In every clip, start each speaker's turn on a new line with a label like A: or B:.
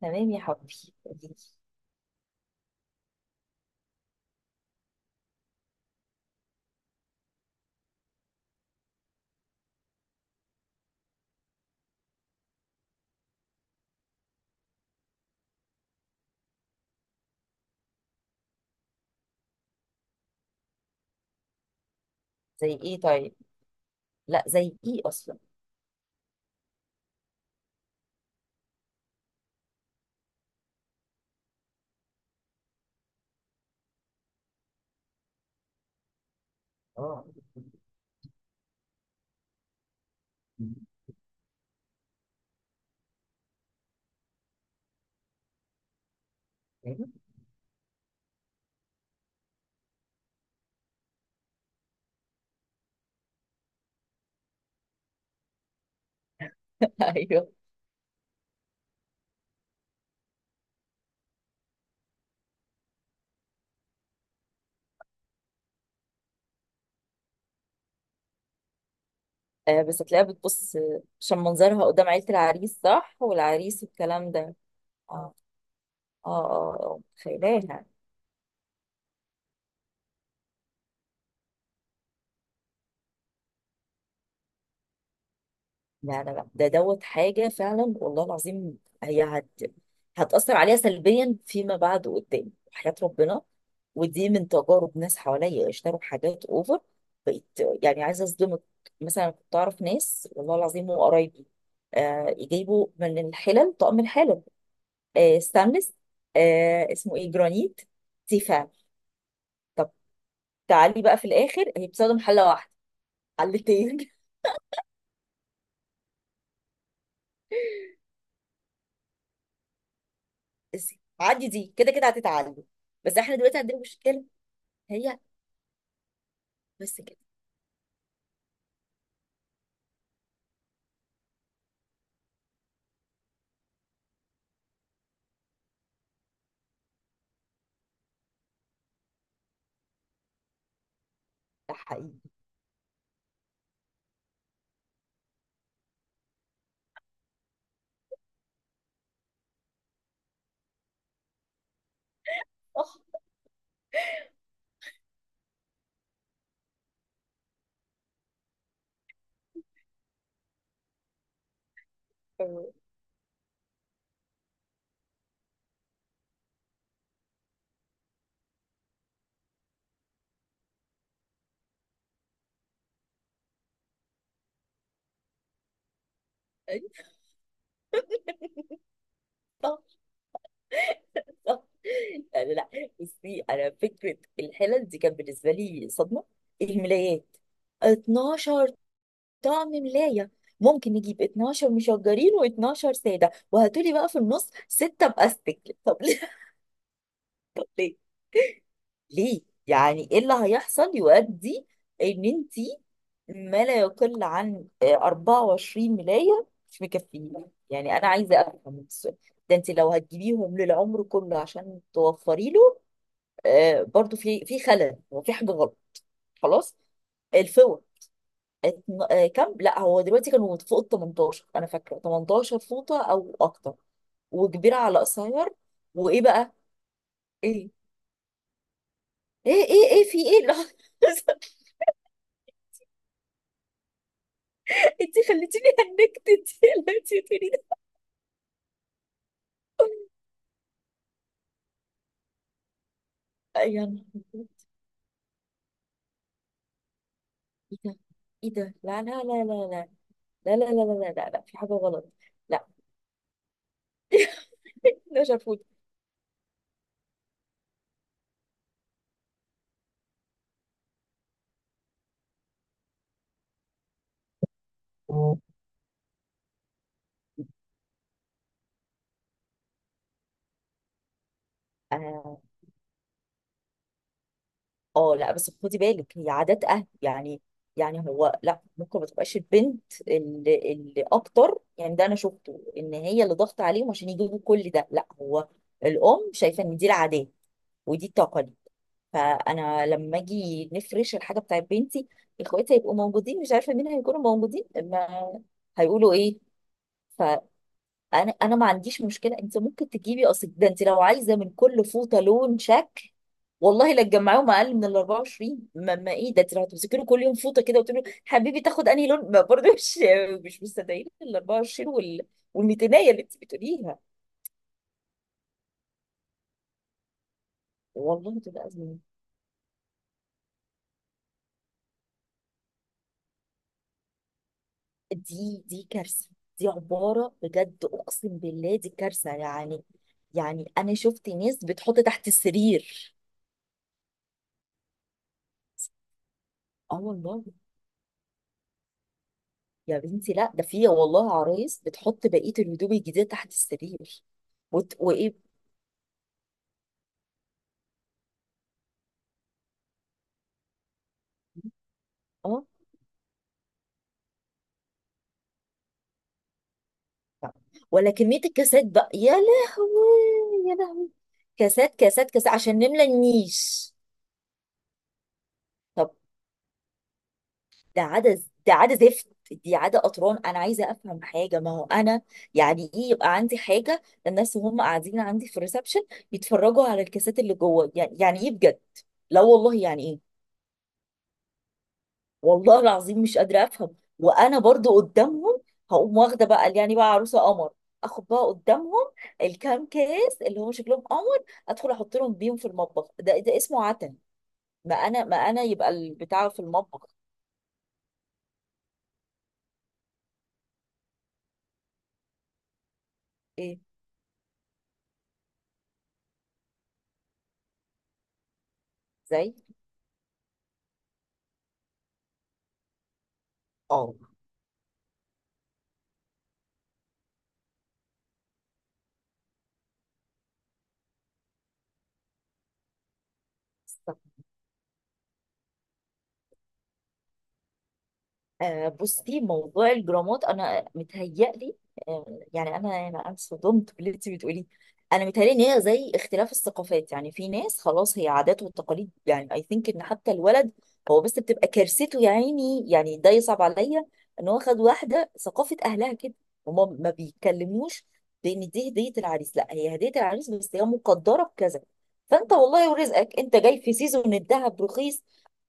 A: تمام يا حبيبي. قوليلي. زي ايه طيب؟ لا، زي ايه اصلا؟ اه. أيوة. ايوه، آه بس هتلاقيها بتبص عشان منظرها قدام عيلة العريس، صح، والعريس والكلام ده. اه متخيلاها. لا لا لا، ده دوت حاجة فعلا والله العظيم، هتأثر عليها سلبيا فيما بعد قدام وحياة ربنا. ودي من تجارب ناس حواليا اشتروا حاجات اوفر، بقيت يعني عايزة اصدمك. مثلا كنت اعرف ناس والله العظيم وقرايبي يجيبوا من الحلل طقم الحلل. ستانلس، اسمه ايه، جرانيت، تيفال. طب، تعالي بقى في الاخر هي بتستخدم حلة واحدة، حلتين. عدي دي كده كده هتتعلم. بس احنا دلوقتي عندنا مشكله، هي، بس كده. ده حقيقي. صح. أيوة. صح. صح، يعني لا، بصي، انا فكره الحلل دي كانت بالنسبه لي صدمه. الملايات، 12 طعم ملايه؟ ممكن نجيب 12 مشجرين و12 ساده وهاتولي بقى في النص سته باستك، طب ليه؟ طب ليه؟ ليه؟ يعني ايه اللي هيحصل يؤدي ان انت ما لا يقل عن 24 ملاية مش مكفيين؟ يعني انا عايزة افهم السؤال ده. انت لو هتجيبيهم للعمر كله عشان توفري له، برضو في خلل، هو في حاجة غلط. خلاص. الفوط، كام؟ لا، هو دلوقتي كانوا فوق ال 18، انا فاكره 18 فوطه او اكتر، وكبيره على قصير. وايه بقى؟ ايه ايه في ايه اللي حصل؟ انت خليتيني هنكت، انت خليتيني تقولي ده. يا نهار أبيض. ايه ده؟ ايه ده؟ لا لا لا لا لا لا لا لا لا لا لا لا، في حاجة غلط. لا، شافوت. اه. لا بس خدي بالك، هي عادات اهل يعني. يعني هو لا، ممكن ما تبقاش البنت اللي اكتر، يعني ده انا شفته، ان هي اللي ضغط عليهم عشان يجيبوا كل ده. لا، هو الام شايفه ان دي العادات ودي التقاليد. فانا لما اجي نفرش الحاجه بتاعت بنتي، اخواتي هيبقوا موجودين، مش عارفه مين هيكونوا موجودين، ما هيقولوا ايه؟ فانا انا ما عنديش مشكله انت ممكن تجيبي، اصل ده انت لو عايزه من كل فوطه لون شكل والله، لا تجمعيهم اقل من ال 24. ما ايه ده؟ انت لو هتمسكي له كل يوم فوطه كده وتقولي له حبيبي تاخد انهي لون، ما برضه مش مستدعين ال 24 وال 200 اللي انت بتقوليها. والله تبقى ازمه. دي كارثة. دي عبارة بجد، أقسم بالله دي كارثة. يعني أنا شفت ناس بتحط تحت السرير. اه والله. يا بنتي، لا، ده في والله عرايس بتحط بقية الهدوم الجديدة تحت السرير. وإيه. اه. لا. ولا كمية الكاسات بقى، يا لهوي يا لهوي، كاسات كاسات كاسات عشان نملى النيش. طب، ده عادة زفت، دي عادة قطران. انا عايزة افهم حاجة، ما هو انا يعني ايه يبقى عندي حاجة للناس وهم قاعدين عندي في الريسبشن يتفرجوا على الكاسات اللي جوه؟ يعني، يعني ايه بجد؟ لا والله يعني ايه. والله العظيم مش قادرة افهم. وانا برضو قدامهم هقوم واخدة بقى، يعني بقى عروسة قمر، اخد بقى قدامهم الكام كاس اللي هم شكلهم قمر، ادخل احط لهم بيهم في المطبخ؟ ده اسمه عتن. ما انا يبقى البتاع في المطبخ. ايه زي. اه. بصي، موضوع الجرامات انا متهيألي، يعني انا صدمت باللي انت بتقوليه. انا متهيألي ان هي زي اختلاف الثقافات، يعني في ناس خلاص هي عادات وتقاليد، يعني اي ثينك ان حتى الولد هو، بس بتبقى كارثته يا عيني، يعني ده يصعب عليا ان هو خد واحده ثقافه اهلها كده، هما ما بيتكلموش بان دي هديه العريس، لا هي هديه العريس، بس هي مقدره بكذا. فانت والله ورزقك، انت جاي في سيزون الذهب رخيص،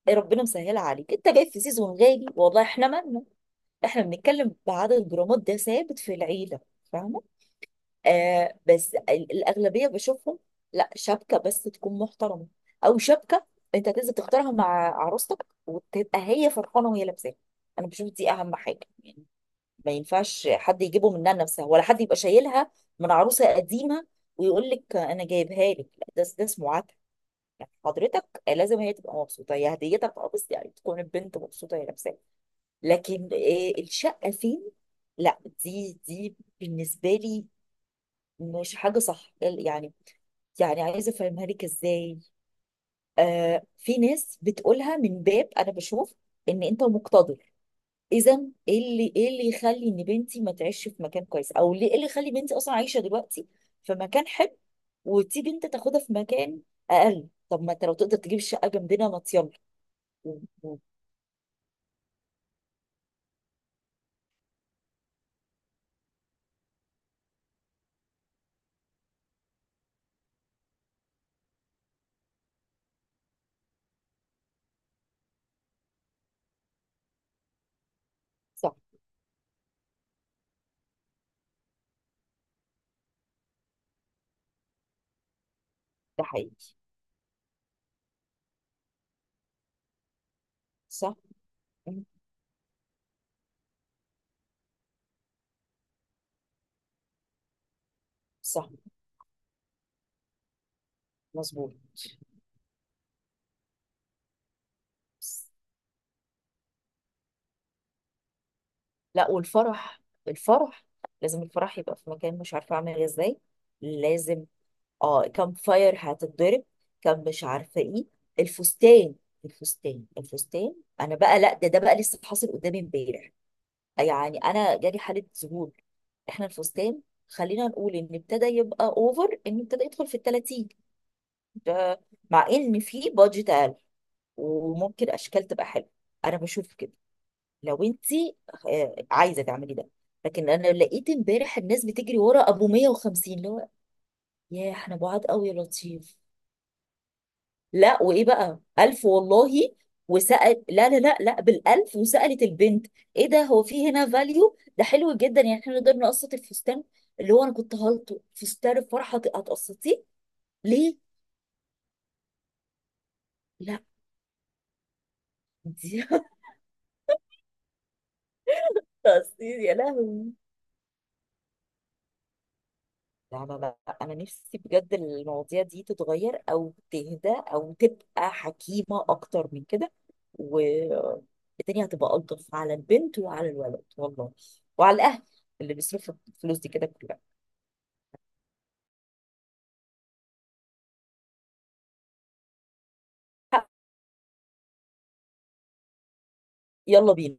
A: إيه ربنا مسهلها عليك. انت جاي في سيزون غالي، والله احنا مالنا، احنا بنتكلم بعدد جرامات ده ثابت في العيله، فاهمه؟ بس الاغلبيه بشوفهم، لا شبكه بس تكون محترمه، او شبكه انت هتنزل تختارها مع عروستك وتبقى هي فرحانه وهي لابساها، انا بشوف دي اهم حاجه يعني. ما ينفعش حد يجيبه منها لنفسها، ولا حد يبقى شايلها من عروسه قديمه ويقول لك انا جايبها لك، لا، ده اسمه عك. يعني حضرتك لازم هي تبقى مبسوطه، هي هديتك اه، بس يعني تكون البنت مبسوطه هي نفسها. لكن الشقه فين؟ لا، دي بالنسبه لي مش حاجه صح يعني. يعني عايزه افهمها لك ازاي؟ في ناس بتقولها من باب انا بشوف ان انت مقتدر، اذا. ايه اللي يخلي ان بنتي ما تعيش في مكان كويس؟ او ليه، ايه اللي يخلي بنتي اصلا عايشه دلوقتي في مكان حلو، وتيجي انت تاخدها في مكان اقل؟ طب ما انت لو تقدر تجيب الشقه جنبنا، ما. مم. مم. صح. ده حقيقي. صح. مم. صح. مظبوط. لا، والفرح، الفرح، لازم الفرح يبقى في مكان، مش عارفه اعمل إيه ازاي. لازم. اه، كم فاير هتتضرب، كم مش عارفه ايه، الفستان، الفستان الفستان. انا بقى لا، ده بقى لسه حاصل قدامي امبارح، يعني انا جالي حاله ذهول. احنا الفستان، خلينا نقول ان ابتدى يبقى اوفر، ان ابتدى يدخل في ال 30 ده، مع ان في بادجت اقل وممكن اشكال تبقى حلوه، انا بشوف كده. لو انت عايزه تعملي ده. لكن انا لقيت امبارح الناس بتجري ورا ابو 150 اللي هو، يا احنا بعاد قوي، يا لطيف. لا، وايه بقى، الف والله. وسأل، لا لا لا لا، بالالف، وسألت البنت، ايه ده؟ هو في هنا فاليو ده حلو جدا، يعني احنا نقدر نقسط الفستان، اللي هو، انا كنت هلطه، فستان الفرحه هتقسطيه؟ ليه؟ لا دي. هتقسطيه يا لهوي. لا لا. لا، انا نفسي بجد المواضيع دي تتغير، او تهدى، او تبقى حكيمة اكتر من كده، والدنيا هتبقى الطف على البنت وعلى الولد، والله، وعلى الاهل اللي بيصرفوا الفلوس دي كده كلها. يلا بينا.